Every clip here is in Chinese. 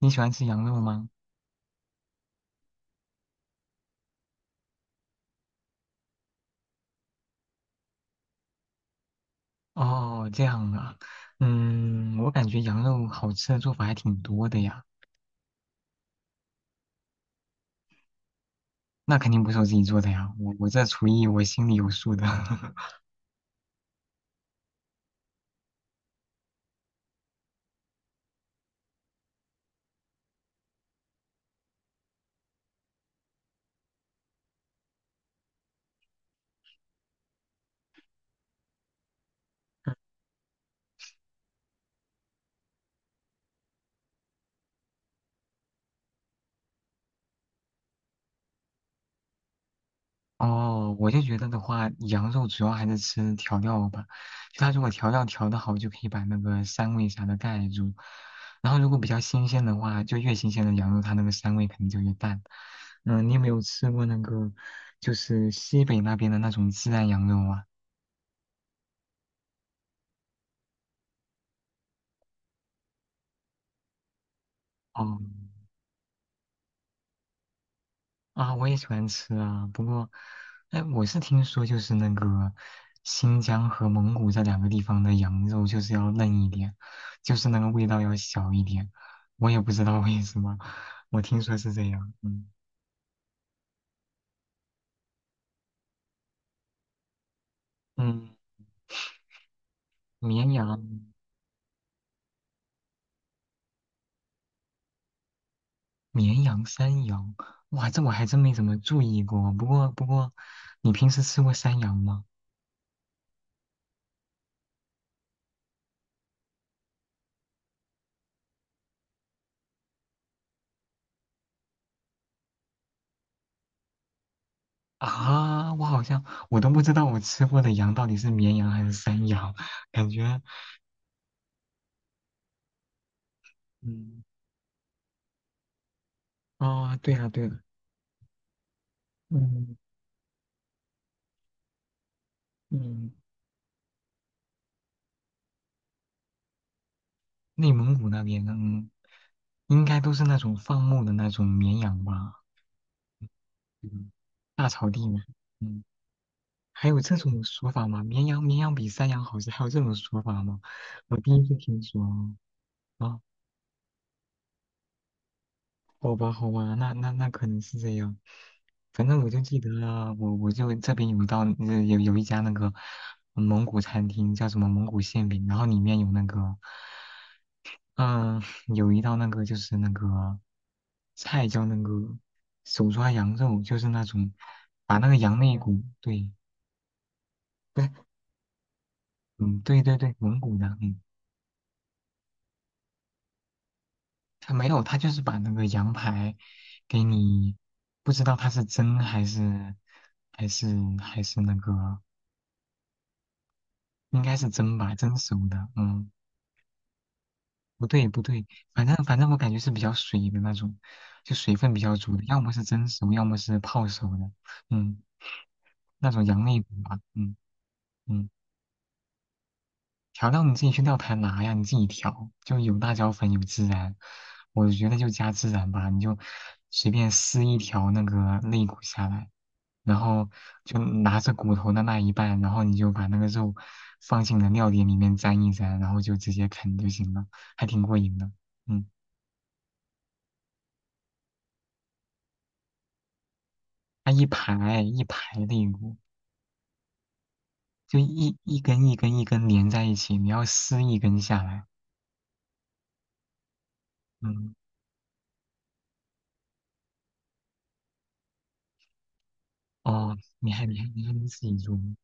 你喜欢吃羊肉吗？哦，这样啊。我感觉羊肉好吃的做法还挺多的呀。那肯定不是我自己做的呀，我这厨艺我心里有数的。哦，我就觉得的话，羊肉主要还是吃调料吧，就它如果调料调的好，就可以把那个膻味啥的盖住。然后如果比较新鲜的话，就越新鲜的羊肉，它那个膻味肯定就越淡。嗯，你有没有吃过那个，就是西北那边的那种孜然羊肉啊？哦。啊，我也喜欢吃啊，不过，哎，我是听说就是那个新疆和蒙古这两个地方的羊肉就是要嫩一点，就是那个味道要小一点，我也不知道为什么，我听说是这样。嗯嗯，绵羊、绵羊、山羊，哇，这我还真没怎么注意过，不过，你平时吃过山羊吗？啊，我好像我都不知道我吃过的羊到底是绵羊还是山羊，感觉。嗯，哦，对了对了。嗯嗯，内蒙古那边，嗯，应该都是那种放牧的那种绵羊吧。嗯，大草地嘛。嗯，还有这种说法吗？绵羊比山羊好吃，还有这种说法吗？我第一次听说啊，好吧好吧，那可能是这样。反正我就记得啊，我就这边有一道有一家那个蒙古餐厅叫什么蒙古馅饼，然后里面有那个。嗯，有一道那个就是那个菜叫那个手抓羊肉，就是那种把那个羊肋骨，对，不是。嗯，对对对，蒙古的。嗯，他没有，他就是把那个羊排给你，不知道它是蒸还是还是还是那个，应该是蒸吧，蒸熟的。嗯，不对不对，反正我感觉是比较水的那种，就水分比较足的，要么是蒸熟，要么是泡熟的。嗯，那种羊肋骨吧。嗯。嗯，调料你自己去料台拿呀，你自己调，就有辣椒粉，有孜然。我觉得就加孜然吧，你就随便撕一条那个肋骨下来，然后就拿着骨头的那一半，然后你就把那个肉放进你的料碟里面沾一沾，然后就直接啃就行了，还挺过瘾的。嗯，它一排一排肋骨，就一根一根连在一起，你要撕一根下来。嗯，哦，你还能自己做吗？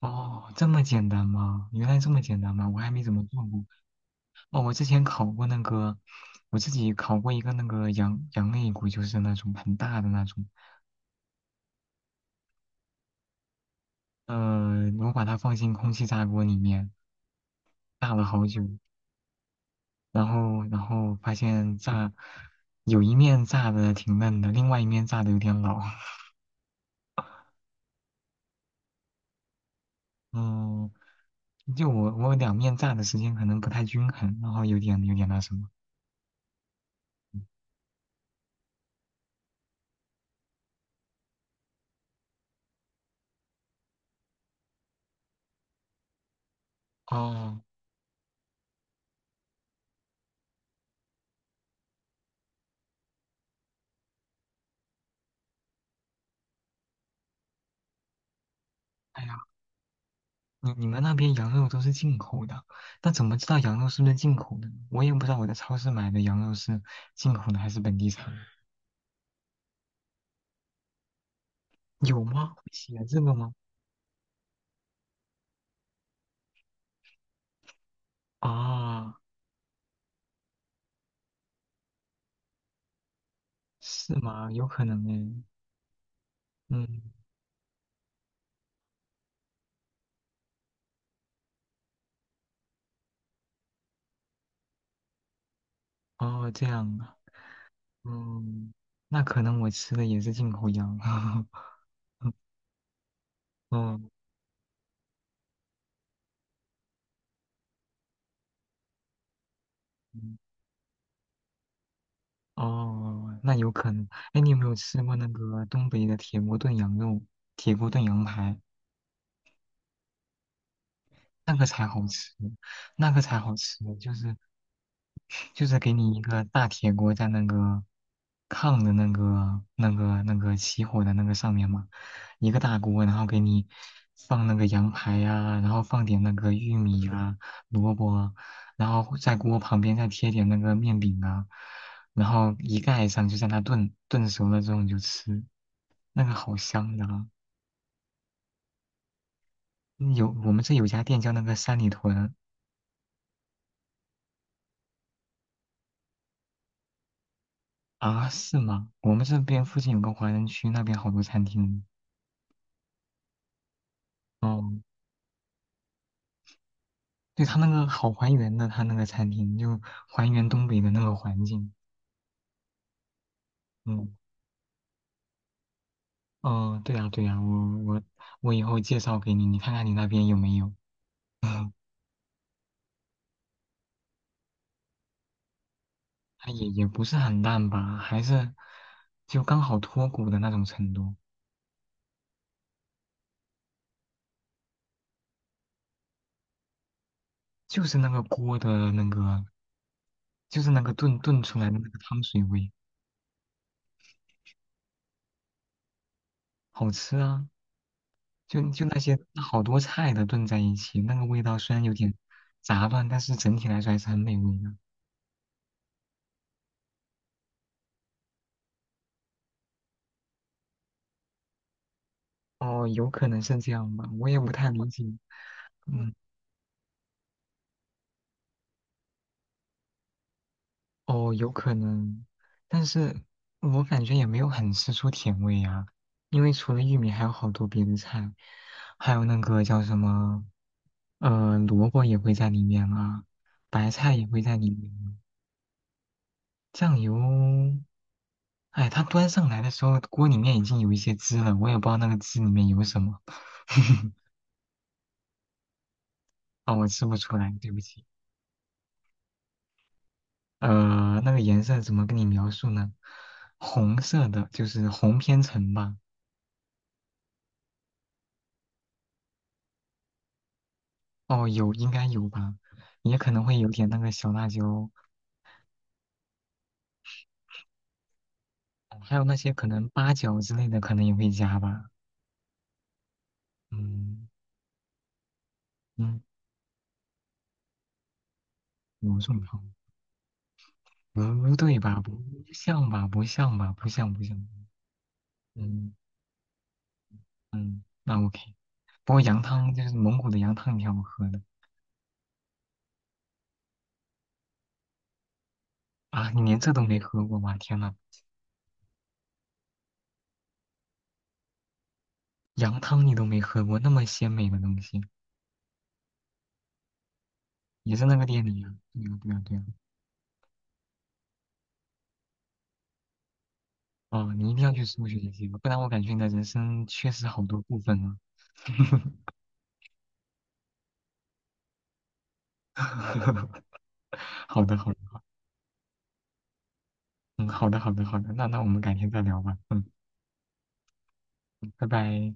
哦，这么简单吗？原来这么简单吗？我还没怎么做过。哦，我之前烤过那个，我自己烤过一个那个羊肋骨，就是那种很大的那种。我把它放进空气炸锅里面炸了好久，然后发现炸有一面炸的挺嫩的，另外一面炸的有点老。嗯，就我两面炸的时间可能不太均衡，然后有点那什么。哦。哎呀。你你们那边羊肉都是进口的，那怎么知道羊肉是不是进口的呢？我也不知道我在超市买的羊肉是进口的还是本地产的，有吗？会写这个吗？啊，是吗？有可能诶。嗯，哦，这样啊。嗯，那可能我吃的也是进口羊。哦，嗯哦，那有可能。哎，你有没有吃过那个东北的铁锅炖羊肉、铁锅炖羊排？那个才好吃，那个才好吃，就是。就是给你一个大铁锅在那个炕的那个那个起火的那个上面嘛，一个大锅，然后给你放那个羊排呀、然后放点那个玉米啊、萝卜啊，然后在锅旁边再贴点那个面饼啊，然后一盖上就在那炖，炖熟了之后你就吃，那个好香的啊！嗯有我们这有家店叫那个三里屯。啊，是吗？我们这边附近有个华人区，那边好多餐厅。哦，对，它那个好还原的，它那个餐厅就还原东北的那个环境。嗯，哦，对呀，对呀，我我以后介绍给你，你看看你那边有没有？它也也不是很烂吧，还是就刚好脱骨的那种程度，就是那个锅的那个，就是那个炖出来的那个汤水味。好吃啊！就就那些好多菜的炖在一起，那个味道虽然有点杂乱，但是整体来说还是很美味的。哦，有可能是这样吧，我也不太理解。嗯，哦，有可能，但是我感觉也没有很吃出甜味啊，因为除了玉米，还有好多别的菜，还有那个叫什么，萝卜也会在里面啊，白菜也会在里面啊。酱油，哎，它端上来的时候，锅里面已经有一些汁了，我也不知道那个汁里面有什么。哦，我吃不出来，对不起。那个颜色怎么跟你描述呢？红色的，就是红偏橙吧。哦，有，应该有吧，也可能会有点那个小辣椒，还有那些可能八角之类的，可能也会加吧。嗯嗯，罗宋汤，不对吧？不像吧？不像吧？不像不像。嗯嗯，那 OK。不过羊汤就是蒙古的羊汤，挺好喝的。啊！你连这都没喝过吗？天呐，羊汤你都没喝过，那么鲜美的东西，也是那个店里呀、对呀、对呀、对呀。哦，你一定要去搜寻一下，不然我感觉你的人生缺失好多部分啊。好的，好的。嗯，好的，好的，好的，那那我们改天再聊吧。嗯，嗯拜拜。